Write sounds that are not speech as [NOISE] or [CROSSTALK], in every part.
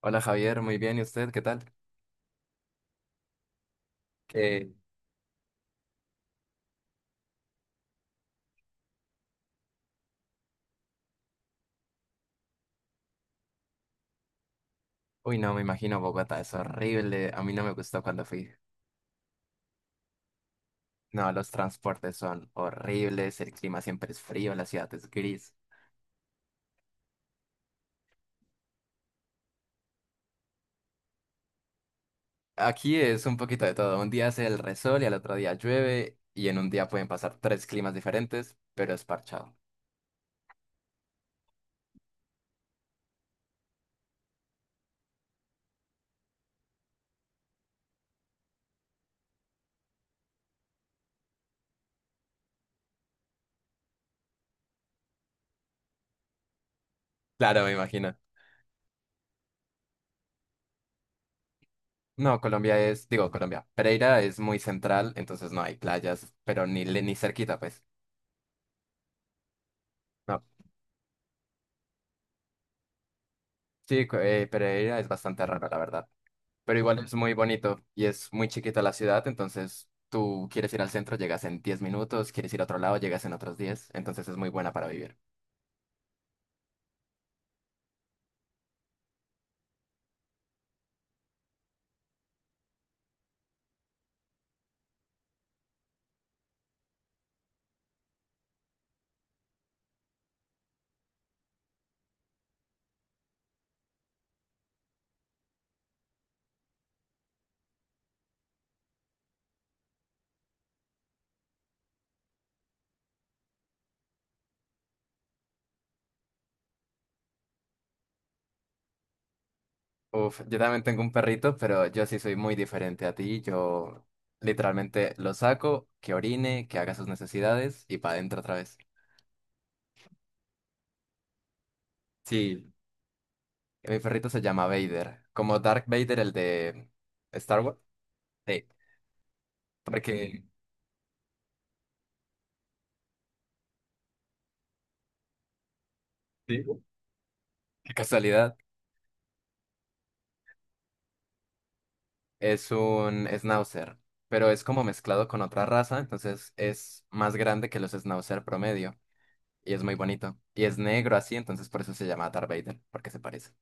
Hola Javier, muy bien, ¿y usted qué tal? Eh, uy, no, me imagino Bogotá, es horrible, a mí no me gustó cuando fui. No, los transportes son horribles, el clima siempre es frío, la ciudad es gris. Aquí es un poquito de todo, un día hace el resol y al otro día llueve y en un día pueden pasar tres climas diferentes, pero es parchado. Claro, me imagino. No, Colombia es, digo Colombia, Pereira es muy central, entonces no hay playas, pero ni, ni cerquita, pues. No, sí, Pereira es bastante raro, la verdad. Pero igual es muy bonito y es muy chiquita la ciudad, entonces tú quieres ir al centro, llegas en 10 minutos, quieres ir a otro lado, llegas en otros 10, entonces es muy buena para vivir. Uf, yo también tengo un perrito, pero yo sí soy muy diferente a ti. Yo literalmente lo saco, que orine, que haga sus necesidades y para adentro otra vez. Sí, mi perrito se llama Vader, como Dark Vader, el de Star Wars. Sí, porque... Sí. Qué casualidad. Es un schnauzer, pero es como mezclado con otra raza, entonces es más grande que los schnauzer promedio y es muy bonito. Y es negro así, entonces por eso se llama Darth Vader, porque se parece.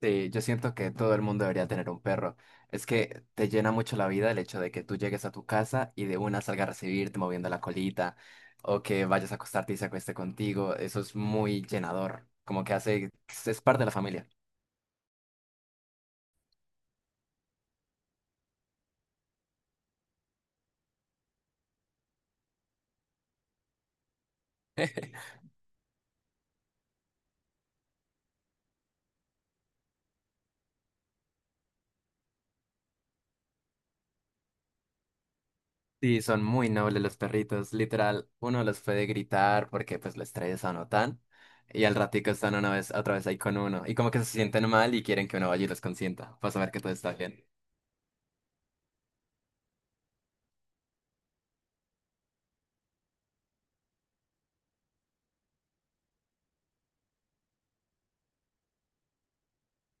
Sí, yo siento que todo el mundo debería tener un perro. Es que te llena mucho la vida el hecho de que tú llegues a tu casa y de una salga a recibirte moviendo la colita o que vayas a acostarte y se acueste contigo. Eso es muy llenador, como que hace, es parte de la familia. Sí, son muy nobles los perritos. Literal, uno los puede gritar porque pues los tres notan. Y al ratico están una vez, otra vez ahí con uno. Y como que se sienten mal y quieren que uno vaya y los consienta. Para saber que todo está bien.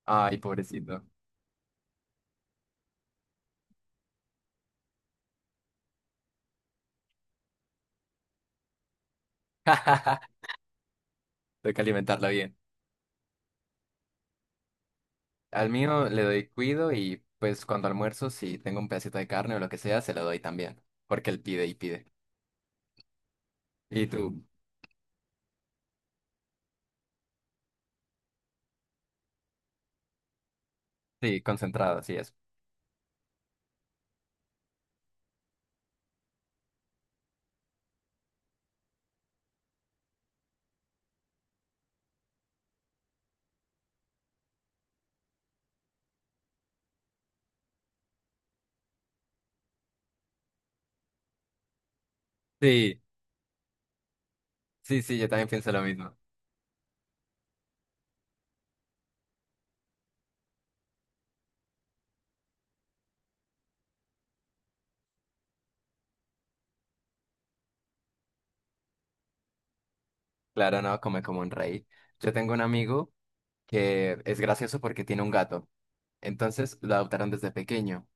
Ay, pobrecito. [LAUGHS] Tengo que alimentarlo bien. Al mío le doy cuido y pues cuando almuerzo, si tengo un pedacito de carne o lo que sea, se lo doy también. Porque él pide y pide. Y tú, sí, concentrado, así es. Sí, sí, sí, yo también pienso lo mismo. Claro, no, come como un rey. Yo tengo un amigo que es gracioso porque tiene un gato. Entonces lo adoptaron desde pequeño.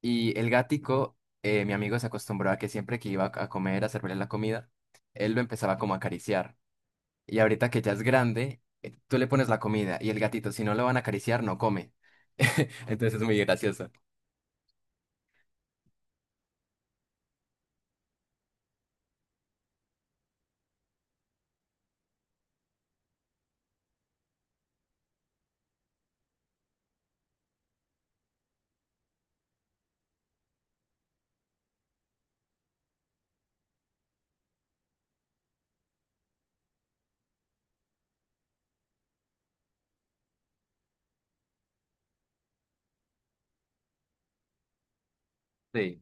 Y el gático, mi amigo se acostumbró a que siempre que iba a comer, a servirle la comida, él lo empezaba como a acariciar. Y ahorita que ya es grande, tú le pones la comida y el gatito, si no lo van a acariciar, no come. [LAUGHS] Entonces es muy gracioso. Sí,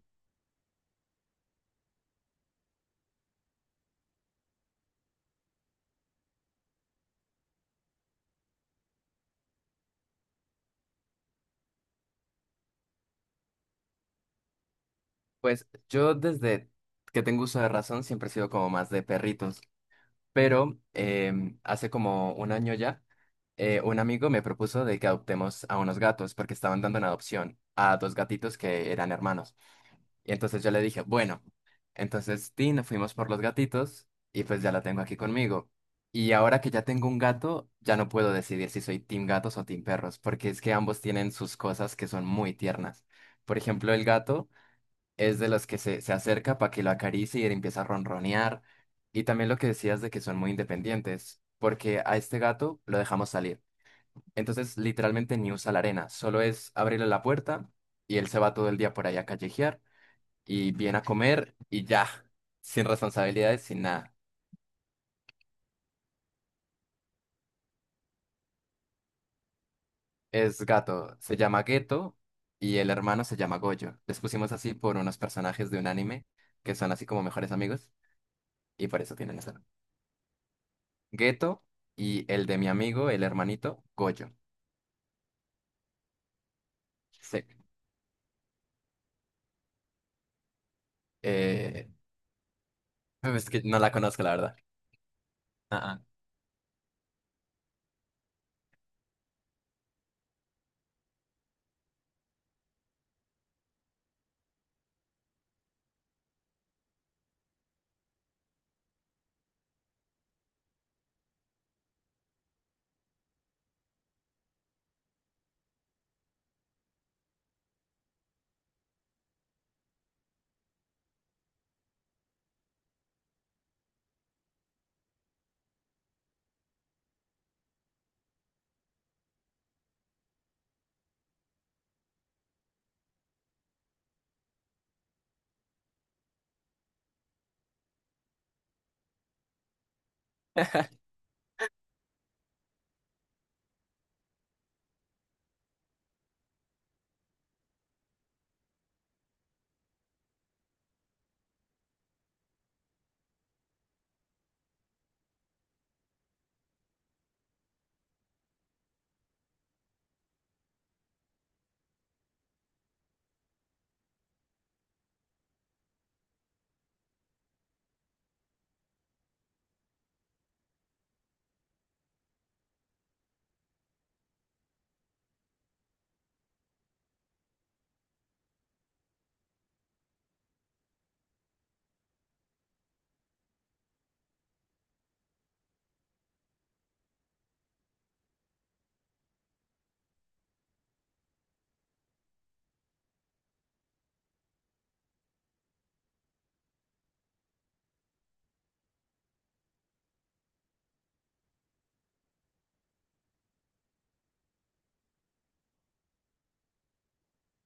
pues yo desde que tengo uso de razón siempre he sido como más de perritos. Pero hace como 1 año ya, un amigo me propuso de que adoptemos a unos gatos porque estaban dando en adopción a dos gatitos que eran hermanos. Y entonces yo le dije, bueno, entonces Tin, fuimos por los gatitos y pues ya la tengo aquí conmigo. Y ahora que ya tengo un gato, ya no puedo decidir si soy team gatos o team perros, porque es que ambos tienen sus cosas que son muy tiernas. Por ejemplo, el gato es de los que se acerca para que lo acaricie y él empieza a ronronear. Y también lo que decías de que son muy independientes, porque a este gato lo dejamos salir. Entonces, literalmente ni usa la arena, solo es abrirle la puerta y él se va todo el día por ahí a callejear y viene a comer y ya, sin responsabilidades, sin nada. Es gato, se llama Geto y el hermano se llama Goyo. Les pusimos así por unos personajes de un anime que son así como mejores amigos y por eso tienen ese... Gueto, y el de mi amigo, el hermanito, Goyo. Sí. Eh, es que no la conozco, la verdad. Ah,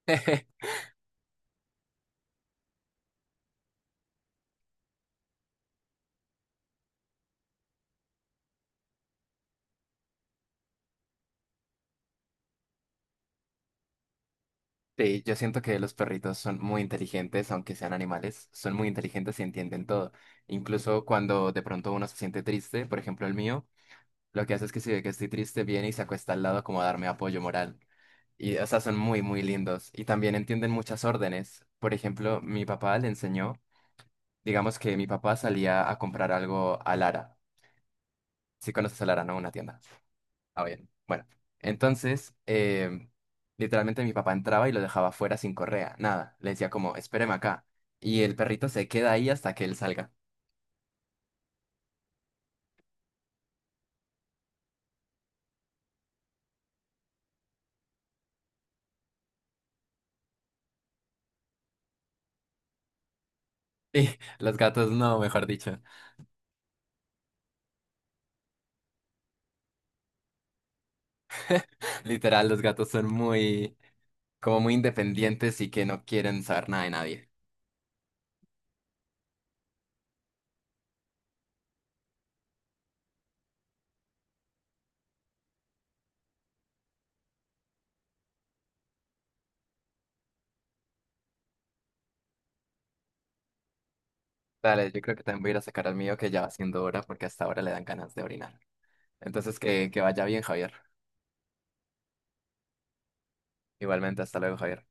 ah. [LAUGHS] Sí, yo siento que los perritos son muy inteligentes, aunque sean animales, son muy inteligentes y entienden todo. Incluso cuando de pronto uno se siente triste, por ejemplo el mío, lo que hace es que si ve que estoy triste, viene y se acuesta al lado como a darme apoyo moral. Y, o sea, son muy, muy lindos. Y también entienden muchas órdenes. Por ejemplo, mi papá le enseñó, digamos que mi papá salía a comprar algo a Lara. Si conoces a Lara, ¿no? Una tienda. Ah, bien. Bueno, entonces, literalmente mi papá entraba y lo dejaba afuera sin correa, nada. Le decía como, espéreme acá. Y el perrito se queda ahí hasta que él salga. [LAUGHS] Y los gatos no, mejor dicho. [LAUGHS] Literal, los gatos son muy, como muy independientes y que no quieren saber nada de nadie. Dale, yo creo que también voy a ir a sacar al mío que ya va siendo hora porque hasta ahora le dan ganas de orinar. Entonces, que vaya bien, Javier. Igualmente, hasta luego, Javier.